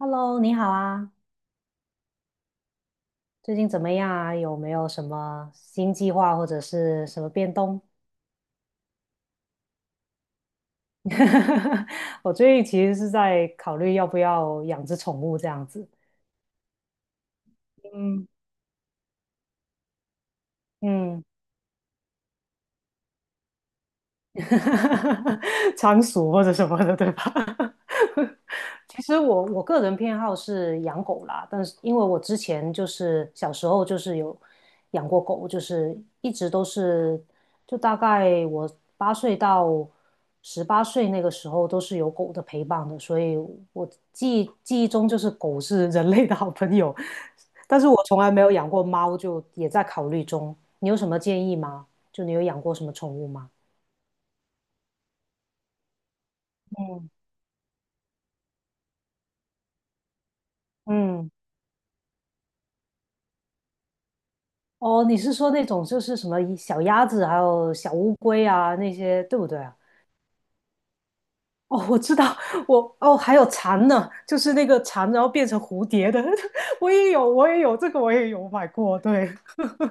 Hello，你好啊，最近怎么样啊？有没有什么新计划或者是什么变动？我最近其实是在考虑要不要养只宠物这样子。嗯，嗯，仓鼠或者什么的，对吧？其实我个人偏好是养狗啦，但是因为我之前就是小时候就是有养过狗，就是一直都是，就大概我八岁到18岁那个时候都是有狗的陪伴的，所以我记忆中就是狗是人类的好朋友，但是我从来没有养过猫，就也在考虑中。你有什么建议吗？就你有养过什么宠物吗？嗯。嗯，哦，你是说那种就是什么小鸭子，还有小乌龟啊那些，对不对啊？哦，我知道，我哦还有蝉呢，就是那个蝉，然后变成蝴蝶的，我也有，我也有这个，我也有买过。对，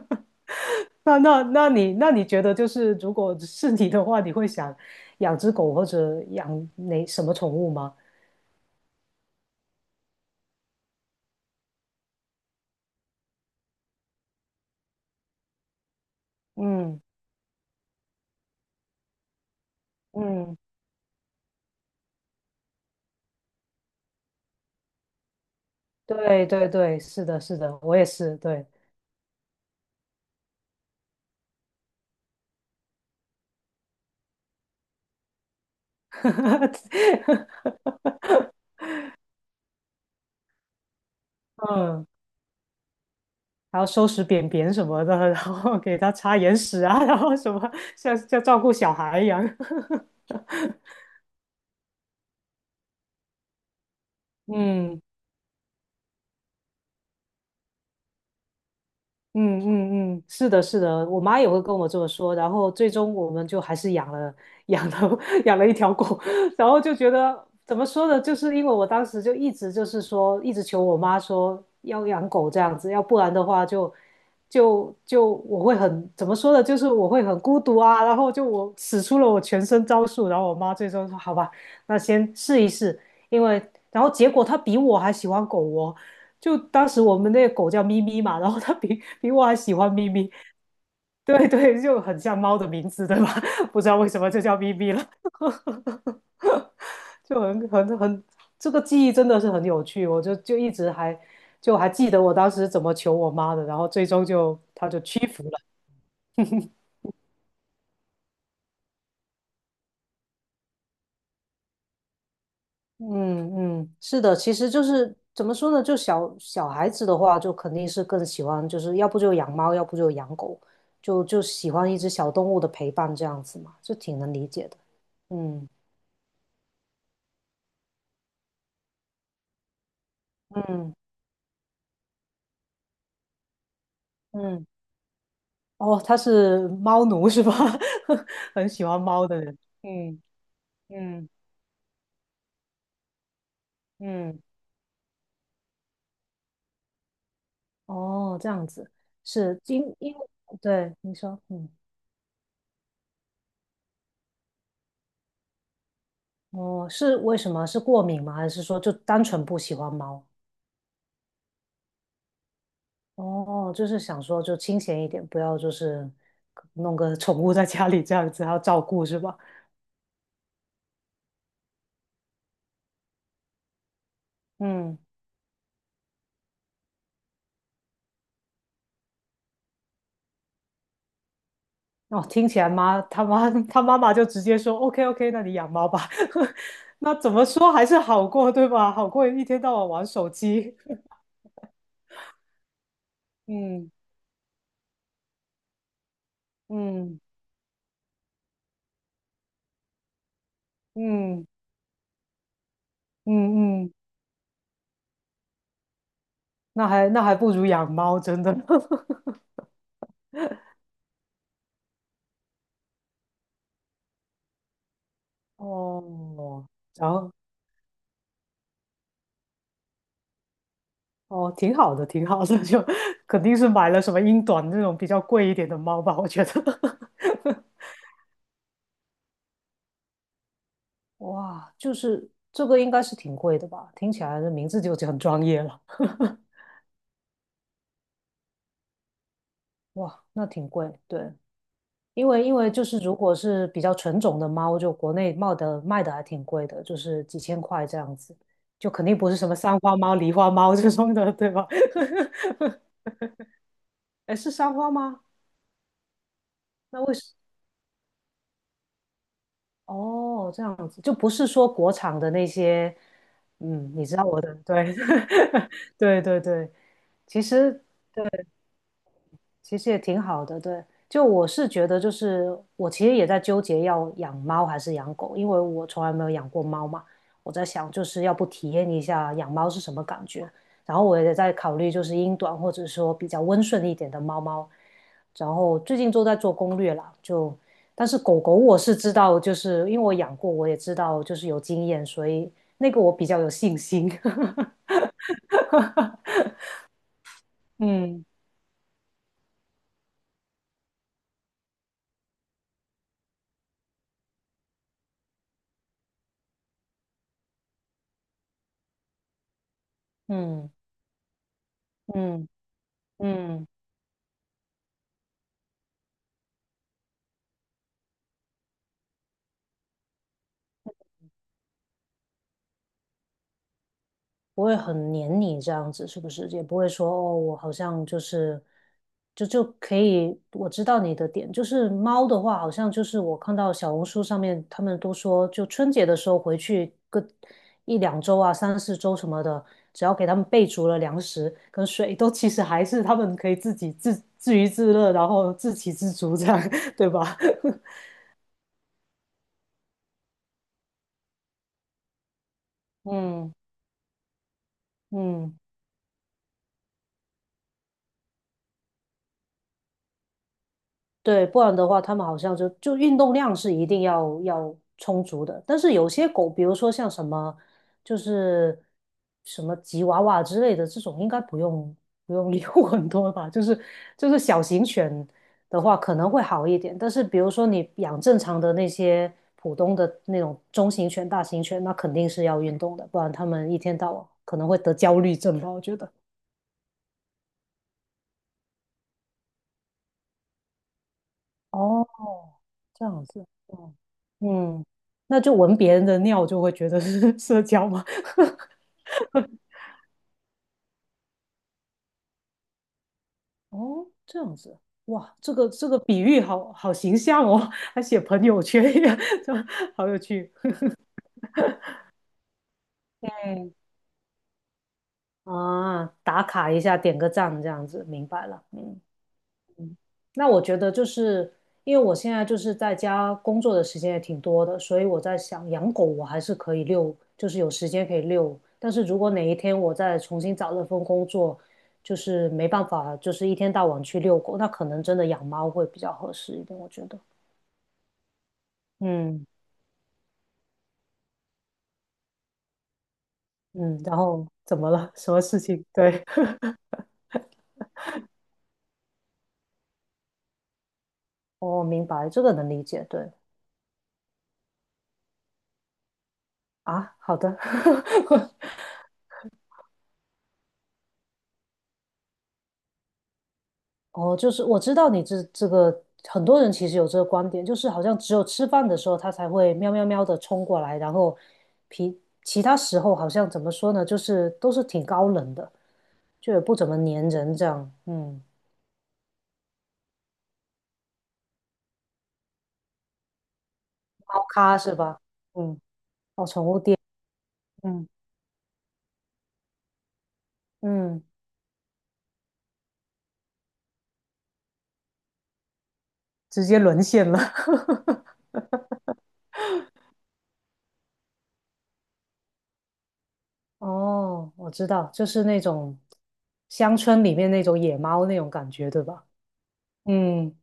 那你觉得就是如果是你的话，你会想养只狗或者养哪什么宠物吗？嗯嗯，对对对，是的，是的，我也是，对，嗯。然后收拾便便什么的，然后给它擦眼屎啊，然后什么像照顾小孩一样。嗯，嗯嗯嗯，是的，是的，我妈也会跟我这么说，然后最终我们就还是养了 养了一条狗，然后就觉得怎么说呢，就是因为我当时就一直就是说，一直求我妈说要养狗这样子，要不然的话就我会很怎么说呢，就是我会很孤独啊，然后就我使出了我全身招数，然后我妈最终说好吧，那先试一试，因为然后结果她比我还喜欢狗哦。就当时我们那个狗叫咪咪嘛，然后它比我还喜欢咪咪，对对，就很像猫的名字，对吧？不知道为什么就叫咪咪了，就很很很，这个记忆真的是很有趣，我一直还记得我当时怎么求我妈的，然后最终她就屈服了。嗯嗯，是的，其实就是怎么说呢，就小孩子的话，就肯定是更喜欢，就是要不就养猫，要不就养狗，就喜欢一只小动物的陪伴这样子嘛，就挺能理解的。嗯。嗯嗯，哦，他是猫奴是吧？很喜欢猫的人。嗯嗯嗯，哦，这样子是因为对你说，嗯，哦，是为什么？是过敏吗？还是说就单纯不喜欢猫？哦，就是想说就清闲一点，不要就是弄个宠物在家里这样子，还要照顾是吧？嗯哦，听起来妈他妈他妈妈就直接说 OK OK，那你养猫吧。那怎么说还是好过对吧？好过一天到晚玩手机。嗯嗯嗯嗯嗯，那还不如养猫，真的。哦，然后哦，挺好的，挺好的，就肯定是买了什么英短那种比较贵一点的猫吧，我觉得。哇，就是这个应该是挺贵的吧？听起来的名字就很专业了。哇，那挺贵，对，因为就是如果是比较纯种的猫，就国内卖的还挺贵的，就是几千块这样子，就肯定不是什么三花猫、狸花猫 这种的，对吧？哎，是三花吗？那为什哦，这样子就不是说国产的那些，嗯，你知道我的，对，对对对，其实其实也挺好的，对。就我是觉得，就是我其实也在纠结要养猫还是养狗，因为我从来没有养过猫嘛。我在想，就是要不体验一下养猫是什么感觉。然后我也在考虑，就是英短或者说比较温顺一点的猫猫。然后最近都在做攻略啦，但是狗狗我是知道，就是因为我养过，我也知道就是有经验，所以那个我比较有信心。嗯嗯嗯嗯。不会很黏你这样子，是不是？也不会说哦，我好像就是就可以，我知道你的点。就是猫的话，好像就是我看到小红书上面他们都说，就春节的时候回去个一两周啊、三四周什么的，只要给他们备足了粮食跟水，都其实还是他们可以自己自娱自乐，然后自给自足这样，对吧？嗯嗯。对，不然的话，它们好像就运动量是一定要充足的。但是有些狗，比如说像什么，就是什么吉娃娃之类的这种，应该不用遛 很多吧。就是小型犬的话，可能会好一点。但是比如说你养正常的那些普通的那种中型犬、大型犬，那肯定是要运动的，不然它们一天到晚可能会得焦虑症吧，我觉得。哦，这样子，嗯嗯，那就闻别人的尿就会觉得是 社交吗？哦，这样子，哇，这个比喻好形象哦，还写朋友圈，这好有趣。嗯啊，打卡一下，点个赞，这样子，明白了。嗯。那我觉得就是因为我现在就是在家工作的时间也挺多的，所以我在想养狗我还是可以遛，就是有时间可以遛。但是如果哪一天我再重新找了份工作，就是没办法，就是一天到晚去遛狗，那可能真的养猫会比较合适一点，我觉得。嗯嗯，然后怎么了？什么事情？对，我明白，这个能理解。对啊，好的。哦，就是我知道你这个很多人其实有这个观点，就是好像只有吃饭的时候它才会喵喵喵的冲过来，然后其他时候好像怎么说呢，就是都是挺高冷的，就也不怎么粘人这样，嗯，猫咖是吧？嗯，哦，宠物店，嗯嗯，直接沦陷了。哦，我知道，就是那种乡村里面那种野猫那种感觉，对吧？嗯。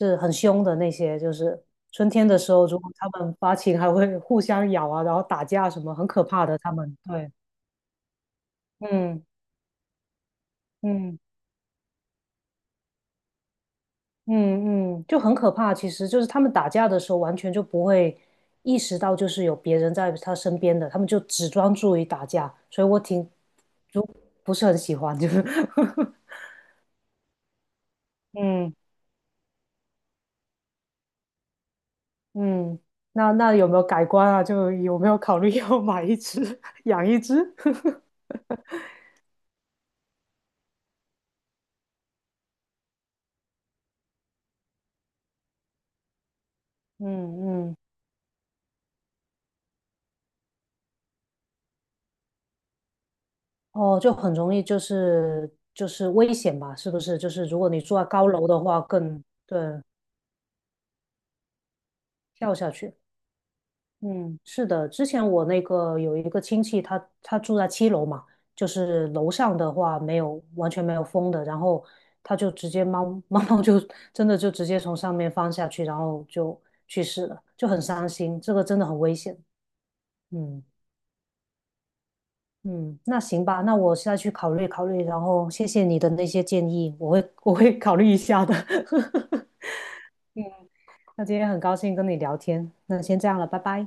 是很凶的那些，就是春天的时候，如果它们发情，还会互相咬啊，然后打架什么，很可怕的。它们对，嗯嗯嗯嗯，就很可怕。其实就是它们打架的时候，完全就不会意识到就是有别人在它身边的，它们就只专注于打架。所以我就不是很喜欢，就是 嗯嗯。那有没有改观啊？就有没有考虑要买一只，养一只？嗯嗯哦，就很容易就是危险吧，是不是？就是如果你住在高楼的话更，对跳下去。嗯，是的，之前我那个有一个亲戚他，住在7楼嘛，就是楼上的话没有完全没有风的，然后他就直接猫 猫猫就真的就直接从上面翻下去，然后就去世了，就很伤心，这个真的很危险。嗯。嗯，那行吧，那我下去考虑考虑，然后谢谢你的那些建议，我会考虑一下的。嗯，那今天很高兴跟你聊天，那先这样了，拜拜。